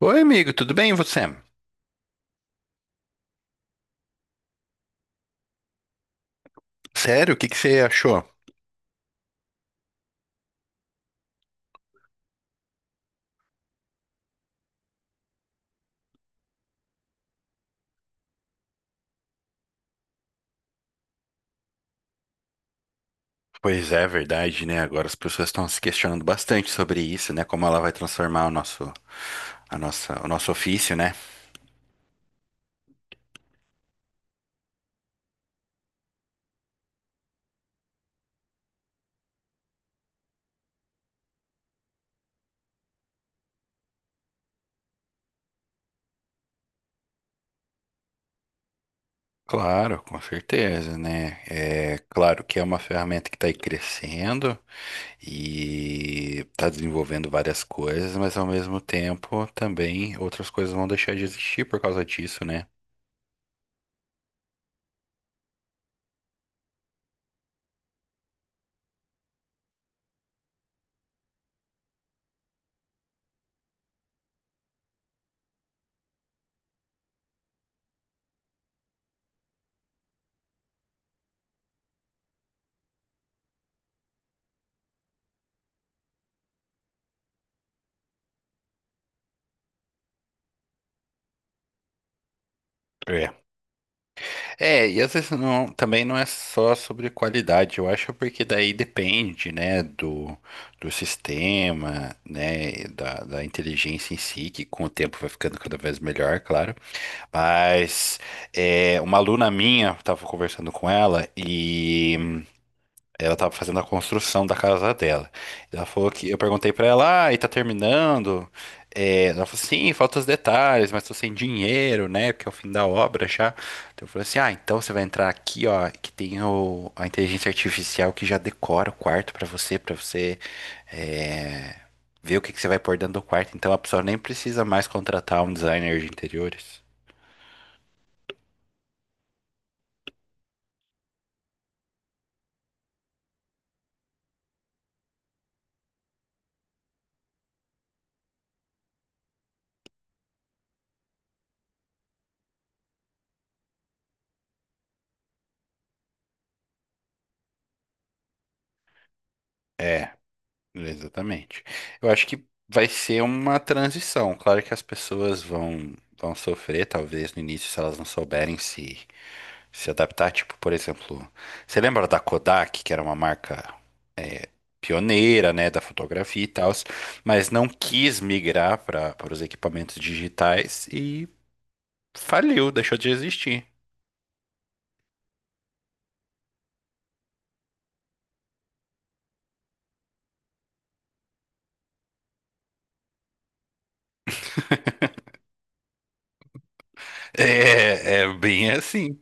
Oi, amigo, tudo bem? E você? Sério, o que que você achou? Pois é, verdade, né? Agora as pessoas estão se questionando bastante sobre isso, né? Como ela vai transformar o nosso, a nossa, o nosso ofício, né? Claro, com certeza, né? É claro que é uma ferramenta que está aí crescendo e está desenvolvendo várias coisas, mas ao mesmo tempo também outras coisas vão deixar de existir por causa disso, né? É, e às vezes não, também não é só sobre qualidade, eu acho porque daí depende, né, do sistema, né, e da inteligência em si, que com o tempo vai ficando cada vez melhor, claro. Mas uma aluna minha, eu tava conversando com ela e ela tava fazendo a construção da casa dela. Ela falou que eu perguntei pra ela, ah, e tá terminando? É, ela falou, sim, faltam os detalhes, mas tô sem dinheiro, né? Porque é o fim da obra já. Então eu falei assim, ah, então você vai entrar aqui, ó, que tem o, a inteligência artificial que já decora o quarto pra você, é, ver o que que você vai pôr dentro do quarto. Então a pessoa nem precisa mais contratar um designer de interiores. É. Exatamente. Eu acho que vai ser uma transição. Claro que as pessoas vão sofrer, talvez, no início, se elas não souberem se adaptar. Tipo, por exemplo, você lembra da Kodak, que era uma marca pioneira, né, da fotografia e tal, mas não quis migrar para os equipamentos digitais e faliu, deixou de existir. É, é bem assim.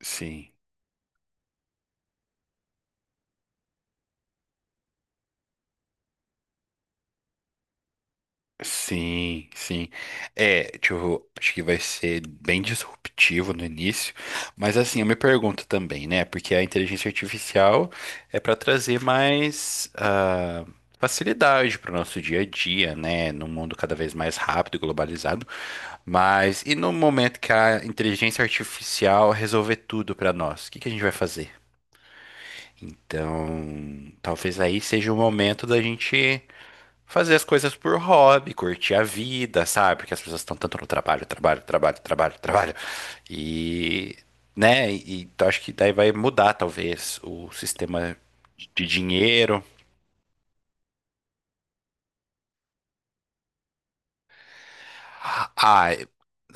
Sim. Sim, sim. É, tipo, acho que vai ser bem disruptivo no início, mas assim, eu me pergunto também, né? Porque a inteligência artificial é para trazer mais facilidade para o nosso dia a dia, né? Num mundo cada vez mais rápido e globalizado. Mas e no momento que a inteligência artificial resolver tudo para nós, o que que a gente vai fazer? Então, talvez aí seja o momento da gente fazer as coisas por hobby, curtir a vida, sabe? Porque as pessoas estão tanto no trabalho, trabalho, trabalho, trabalho, trabalho. E, né? E, então acho que daí vai mudar, talvez, o sistema de dinheiro. Ah,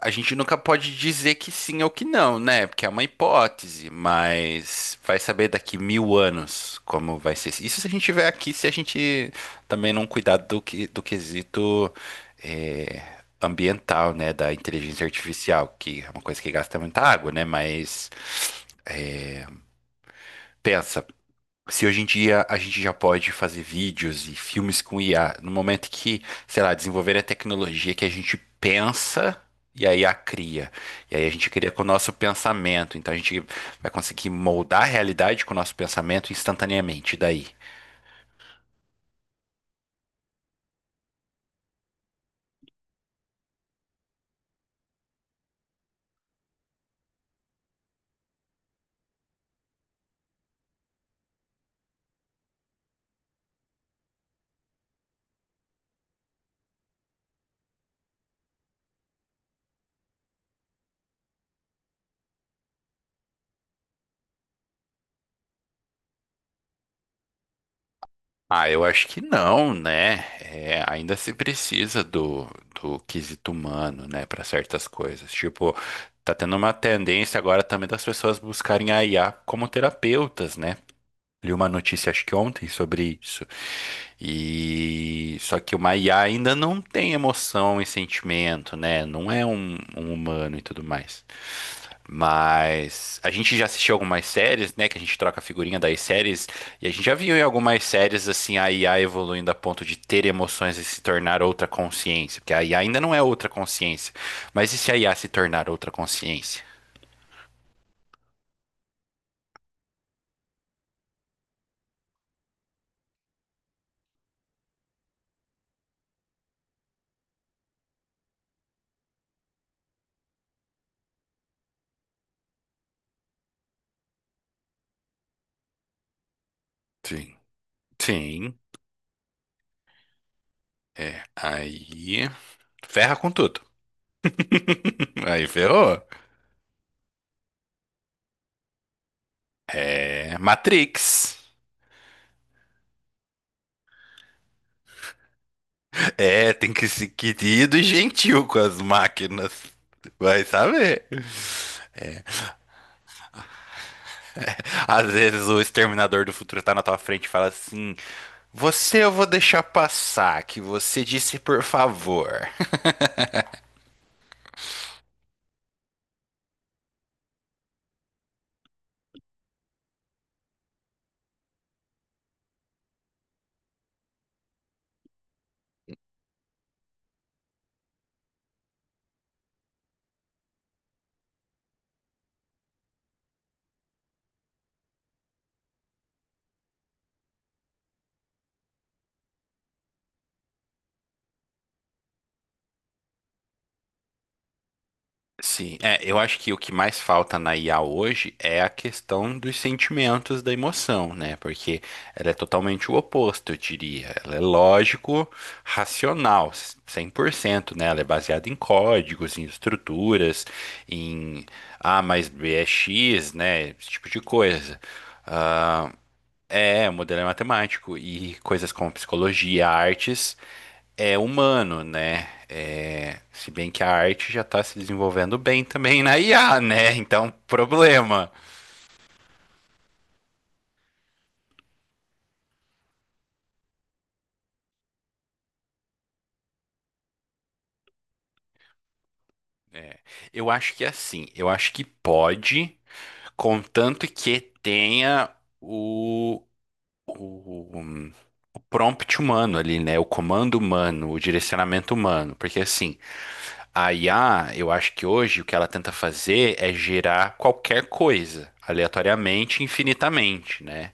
A gente nunca pode dizer que sim ou que não, né? Porque é uma hipótese, mas vai saber daqui mil anos como vai ser. Isso se a gente tiver aqui, se a gente também não cuidar do, que, do quesito eh, ambiental, né? Da inteligência artificial, que é uma coisa que gasta muita água, né? Mas pensa, se hoje em dia a gente já pode fazer vídeos e filmes com IA, no momento que, sei lá, desenvolver a tecnologia que a gente pensa e aí a IA cria. E aí a gente cria com o nosso pensamento. Então a gente vai conseguir moldar a realidade com o nosso pensamento instantaneamente. E daí? Ah, eu acho que não, né? É, ainda se precisa do quesito humano, né, para certas coisas. Tipo, tá tendo uma tendência agora também das pessoas buscarem a IA como terapeutas, né? Li uma notícia, acho que ontem, sobre isso. E só que uma IA ainda não tem emoção e sentimento, né? Não é um humano e tudo mais. Mas a gente já assistiu algumas séries, né? Que a gente troca a figurinha das séries, e a gente já viu em algumas séries assim a IA evoluindo a ponto de ter emoções e se tornar outra consciência. Porque a IA ainda não é outra consciência. Mas e se a IA se tornar outra consciência? Sim. Sim. É. Aí ferra com tudo. Aí ferrou. É Matrix. É, tem que ser querido e gentil com as máquinas. Vai saber. É, às vezes o exterminador do futuro tá na tua frente e fala assim: Você eu vou deixar passar, que você disse por favor. Sim, é, eu acho que o que mais falta na IA hoje é a questão dos sentimentos, da emoção, né? Porque ela é totalmente o oposto, eu diria. Ela é lógico, racional, 100% né? Ela é baseada em códigos, em estruturas, em A mais B é X, né? Esse tipo de coisa. Ah, é, o modelo é matemático e coisas como psicologia, artes é humano, né? É, se bem que a arte já está se desenvolvendo bem também na IA, né? Então, problema. É, eu acho que é assim, eu acho que pode, contanto que tenha o, o, o prompt humano ali, né? O comando humano, o direcionamento humano. Porque assim, a IA, eu acho que hoje o que ela tenta fazer é gerar qualquer coisa, aleatoriamente, infinitamente, né?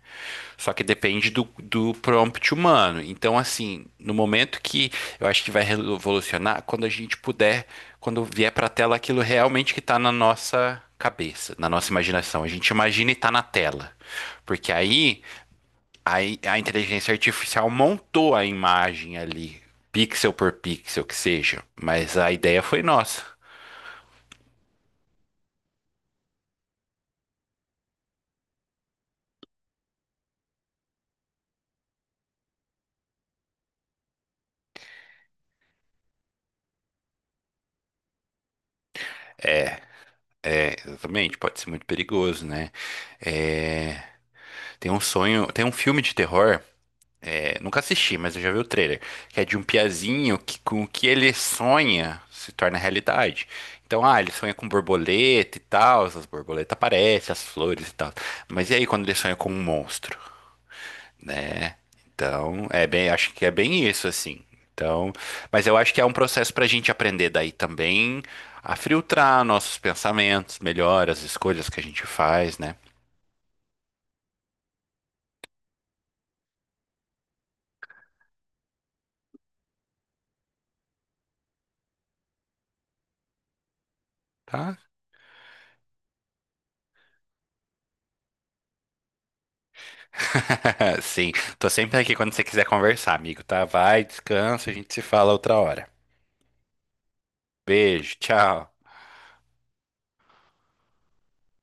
Só que depende do prompt humano. Então, assim, no momento que eu acho que vai revolucionar, quando a gente puder, quando vier para a tela aquilo realmente que está na nossa cabeça, na nossa imaginação. A gente imagina e está na tela. Porque aí a, a inteligência artificial montou a imagem ali, pixel por pixel que seja, mas a ideia foi nossa. É, exatamente, pode ser muito perigoso, né? É, tem um sonho, tem um filme de terror, é, nunca assisti, mas eu já vi o trailer, que é de um piazinho que com o que ele sonha se torna realidade. Então, ah, ele sonha com borboleta e tal, as borboletas aparecem, as flores e tal. Mas e aí quando ele sonha com um monstro? Né? Então, é bem, acho que é bem isso, assim. Então, mas eu acho que é um processo para a gente aprender daí também a filtrar nossos pensamentos melhor, as escolhas que a gente faz, né? Tá? Sim, tô sempre aqui quando você quiser conversar, amigo, tá? Vai, descansa, a gente se fala outra hora. Beijo, tchau.